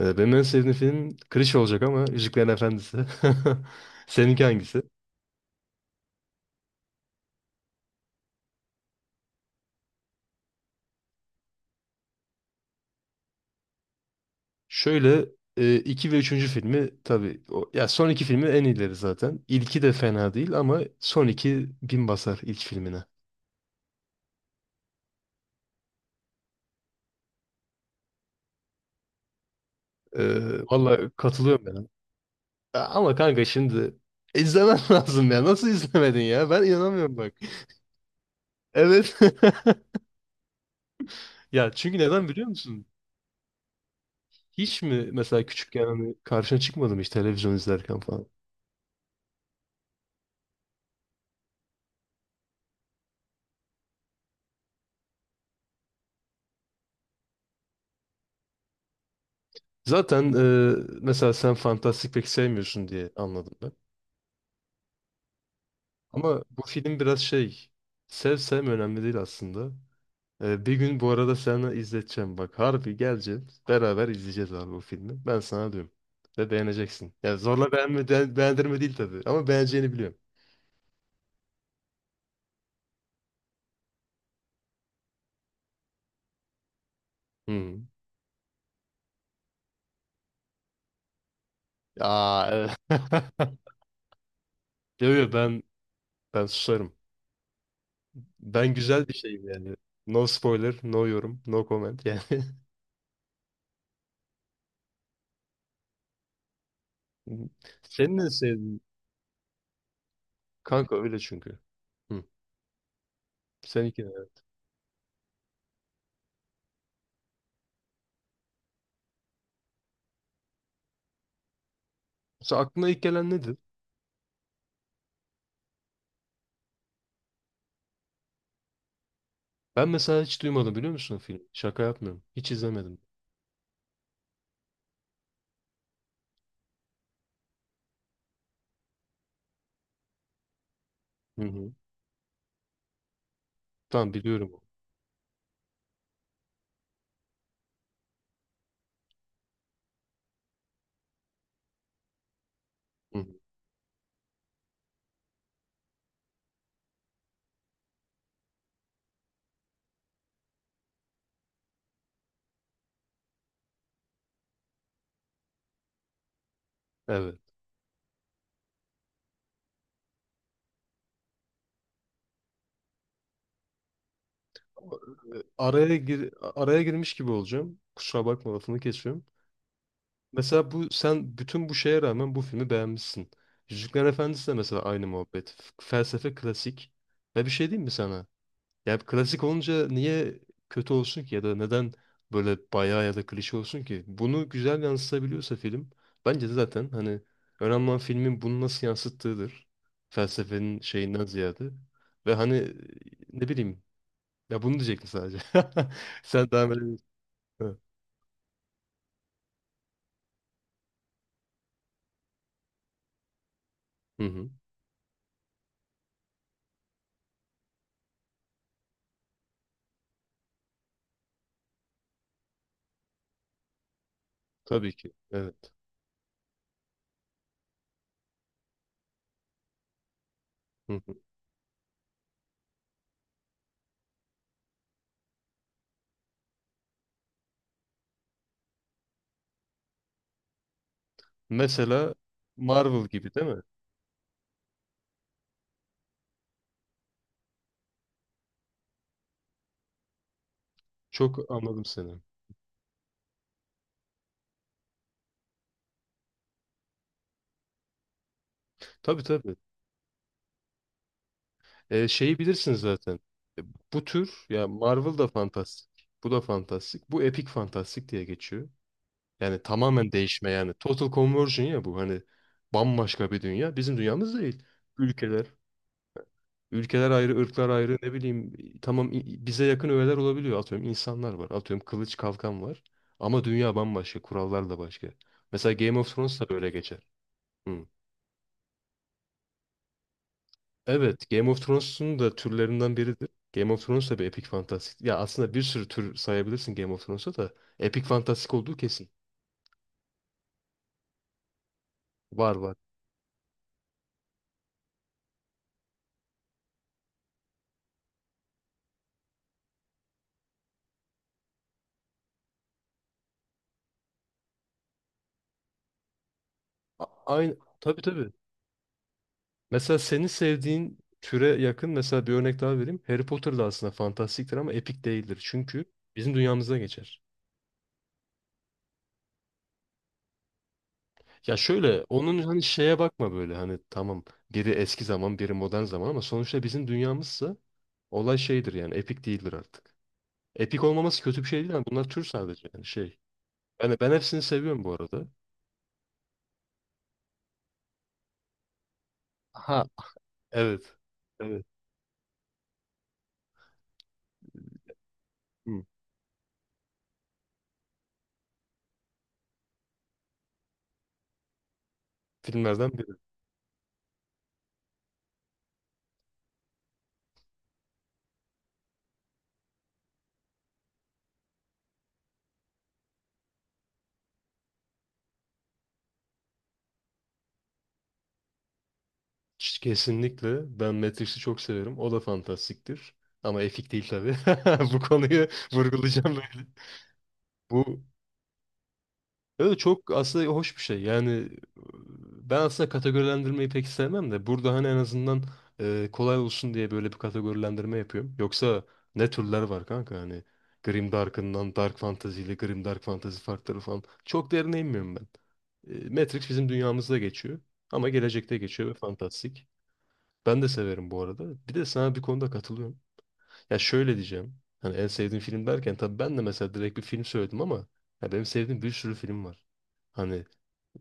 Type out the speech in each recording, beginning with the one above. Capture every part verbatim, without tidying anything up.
Ee, Benim en sevdiğim film klişe olacak ama Yüzüklerin Efendisi. Seninki hangisi? Şöyle e, iki ve üçüncü filmi tabii o, ya son iki filmi en iyileri zaten. İlki de fena değil ama son iki bin basar ilk filmine. Ee, Vallahi katılıyorum ben. Ya ama kanka şimdi izlemen lazım ya. Nasıl izlemedin ya? Ben inanamıyorum bak. Evet. Ya çünkü neden biliyor musun? Hiç mi mesela küçükken hani karşına çıkmadım hiç televizyon izlerken falan? Zaten e, mesela sen fantastik pek sevmiyorsun diye anladım ben. Ama bu film biraz şey, sev sevme önemli değil aslında. E, bir gün bu arada sana izleteceğim bak. Harbi geleceğim. Beraber izleyeceğiz abi bu filmi. Ben sana diyorum. Ve beğeneceksin. Yani zorla beğenme, de- beğendirme değil tabii. Ama beğeneceğini biliyorum. Hmm. Aa, evet. Yo, yo, ben ben susarım. Ben güzel bir şeyim yani. No spoiler, no yorum, no comment yani. Senin ne sevdiğin. Kanka öyle çünkü. Hı. Sen iki. Mesela aklına ilk gelen nedir? Ben mesela hiç duymadım biliyor musun o filmi? Şaka yapmıyorum. Hiç izlemedim. Hı hı. Tamam biliyorum onu. Hı hı. Evet. Ama, e, Araya gir araya girmiş gibi olacağım. Kusura bakma, lafını kesiyorum. Mesela bu sen bütün bu şeye rağmen bu filmi beğenmişsin. Yüzüklerin Efendisi de mesela aynı muhabbet. F- Felsefe klasik. Ve bir şey diyeyim mi sana? Yani klasik olunca niye kötü olsun ki ya da neden böyle bayağı ya da klişe olsun ki? Bunu güzel yansıtabiliyorsa film, bence de zaten hani önemli olan filmin bunu nasıl yansıttığıdır. Felsefenin şeyinden ziyade. Ve hani ne bileyim, ya bunu diyecektim sadece. Sen devam edebilirsin. Evet. Hı hı. Tabii ki. Evet. Hı hı. Mesela Marvel gibi değil mi? Çok anladım seni. Tabii tabii. Ee, şeyi bilirsin zaten. Bu tür, ya Marvel da fantastik. Bu da fantastik. Bu epik fantastik diye geçiyor. Yani tamamen değişme yani. Total conversion ya bu, hani bambaşka bir dünya. Bizim dünyamız değil. Ülkeler, ülkeler ayrı, ırklar ayrı, ne bileyim tamam, i- bize yakın öğeler olabiliyor. Atıyorum insanlar var. Atıyorum kılıç kalkan var. Ama dünya bambaşka. Kurallar da başka. Mesela Game of Thrones da böyle geçer. Hı. Evet, Game of Thrones'un da türlerinden biridir. Game of Thrones da bir epik fantastik. Ya aslında bir sürü tür sayabilirsin Game of Thrones'a da, epik fantastik olduğu kesin. Var var. A- aynı, tabii tabii. Mesela senin sevdiğin türe yakın mesela, bir örnek daha vereyim. Harry Potter da aslında fantastiktir ama epik değildir. Çünkü bizim dünyamızda geçer. Ya şöyle, onun hani şeye bakma, böyle hani tamam biri eski zaman, biri modern zaman ama sonuçta bizim dünyamızsa olay şeydir yani, epik değildir artık. Epik olmaması kötü bir şey değil ama bunlar tür sadece yani, şey. Yani ben hepsini seviyorum bu arada. Ha, evet. Evet. Hı. Filmlerden biri. Ç- Kesinlikle. Ben Matrix'i çok severim. O da fantastiktir. Ama epik değil tabii. Bu konuyu vurgulayacağım böyle. Bu Evet, çok aslında hoş bir şey. Yani e, ben aslında kategorilendirmeyi pek sevmem de burada hani en azından e, kolay olsun diye böyle bir kategorilendirme yapıyorum. Yoksa ne türler var kanka hani, Grim Dark'ından Dark Fantasy ile Grim Dark Fantasy farkları falan. Çok derine inmiyorum ben. E, Matrix bizim dünyamızda geçiyor ama gelecekte geçiyor ve fantastik. Ben de severim bu arada. Bir de sana bir konuda katılıyorum. Ya şöyle diyeceğim. Hani en sevdiğim film derken tabii ben de mesela direkt bir film söyledim ama, ya benim sevdiğim bir sürü film var. Hani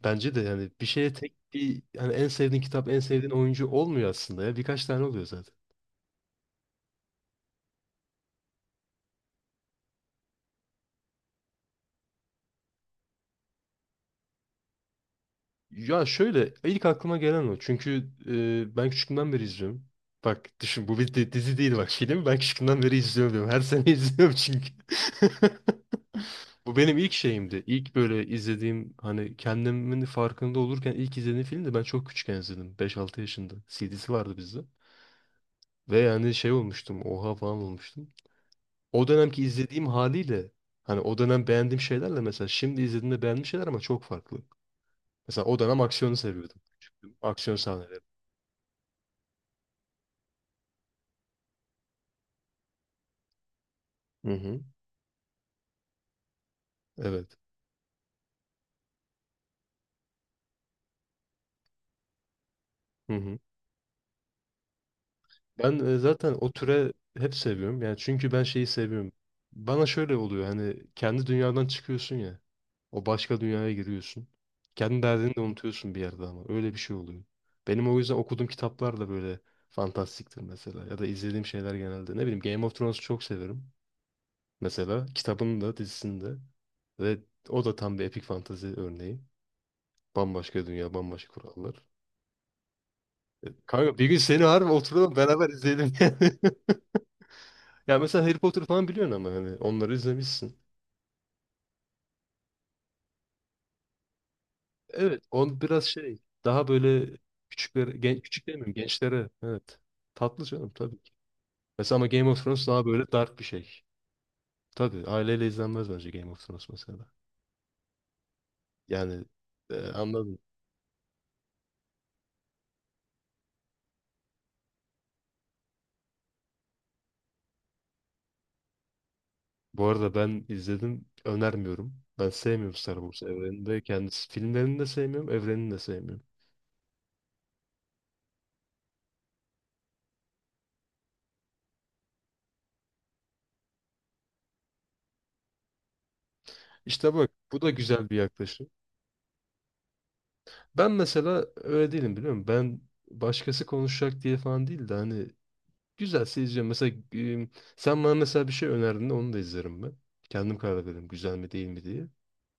bence de yani bir şeye tek bir hani en sevdiğin kitap, en sevdiğin oyuncu olmuyor aslında ya. Birkaç tane oluyor zaten. Ya şöyle, ilk aklıma gelen o. Çünkü e, ben küçüklüğümden beri izliyorum. Bak düşün, bu bir di- dizi değil bak, film. Ben küçüklüğümden beri izliyorum diyorum. Her sene izliyorum çünkü. Bu benim ilk şeyimdi. İlk böyle izlediğim, hani kendimin farkında olurken ilk izlediğim film, ben çok küçükken izledim. Beş altı yaşında. C D'si vardı bizde. Ve yani şey olmuştum. Oha falan olmuştum. O dönemki izlediğim haliyle, hani o dönem beğendiğim şeylerle mesela şimdi izlediğimde beğendiğim şeyler ama çok farklı. Mesela o dönem aksiyonu seviyordum. Küçüktüm. Aksiyon sahneleri. Hı hı. Evet. Hı hı. Ben e, zaten o türe hep seviyorum. Yani çünkü ben şeyi seviyorum. Bana şöyle oluyor hani, kendi dünyadan çıkıyorsun ya. O başka dünyaya giriyorsun. Kendi derdini de unutuyorsun bir yerde ama. Öyle bir şey oluyor. Benim o yüzden okuduğum kitaplar da böyle fantastiktir mesela. Ya da izlediğim şeyler genelde. Ne bileyim, Game of Thrones'u çok severim. Mesela kitabının da, dizisini de. Ve o da tam bir epik fantezi örneği. Bambaşka dünya, bambaşka kurallar. Kanka bir gün seni harbi, oturalım beraber izleyelim. Ya mesela Harry Potter falan biliyorsun ama hani onları izlemişsin. Evet, on biraz şey, daha böyle küçüklere, gen, küçük demiyorum, gençlere. Evet. Tatlı canım tabii ki. Mesela ama Game of Thrones daha böyle dark bir şey. Tabii aileyle izlenmez bence Game of Thrones mesela. Yani e, anladım. Bu arada ben izledim, önermiyorum. Ben sevmiyorum Star Wars evrenini de, kendisi filmlerini de sevmiyorum, evrenini de sevmiyorum. İşte bak, bu da güzel bir yaklaşım. Ben mesela öyle değilim biliyor musun? Ben başkası konuşacak diye falan değil de hani, güzelse izliyorum. Mesela e, sen bana mesela bir şey önerdin de onu da izlerim ben. Kendim karar veririm güzel mi değil mi diye.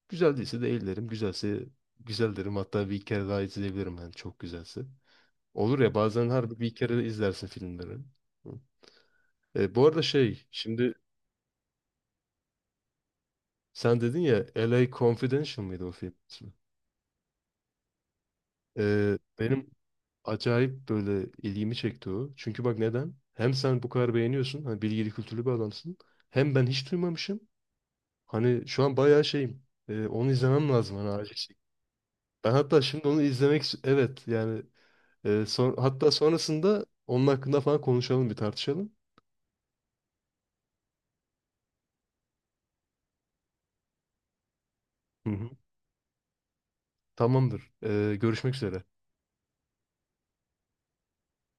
Güzel değilse de ellerim. Güzelse güzel derim. Hatta bir kere daha izleyebilirim yani, çok güzelse. Olur ya, bazen harbi bir kere de izlersin filmleri. Hı. E, bu arada şey, şimdi sen dedin ya, L A Confidential mıydı o film ismi? E, benim acayip böyle ilgimi çekti o. Çünkü bak, neden? Hem sen bu kadar beğeniyorsun. Hani bilgili, kültürlü bir adamsın. Hem ben hiç duymamışım. Hani şu an bayağı şeyim. E, onu izlemem lazım hani, acil. Şey. Ben hatta şimdi onu izlemek ist- evet yani e, son, hatta sonrasında onun hakkında falan konuşalım, bir tartışalım. Hı hı. Tamamdır. E, görüşmek üzere.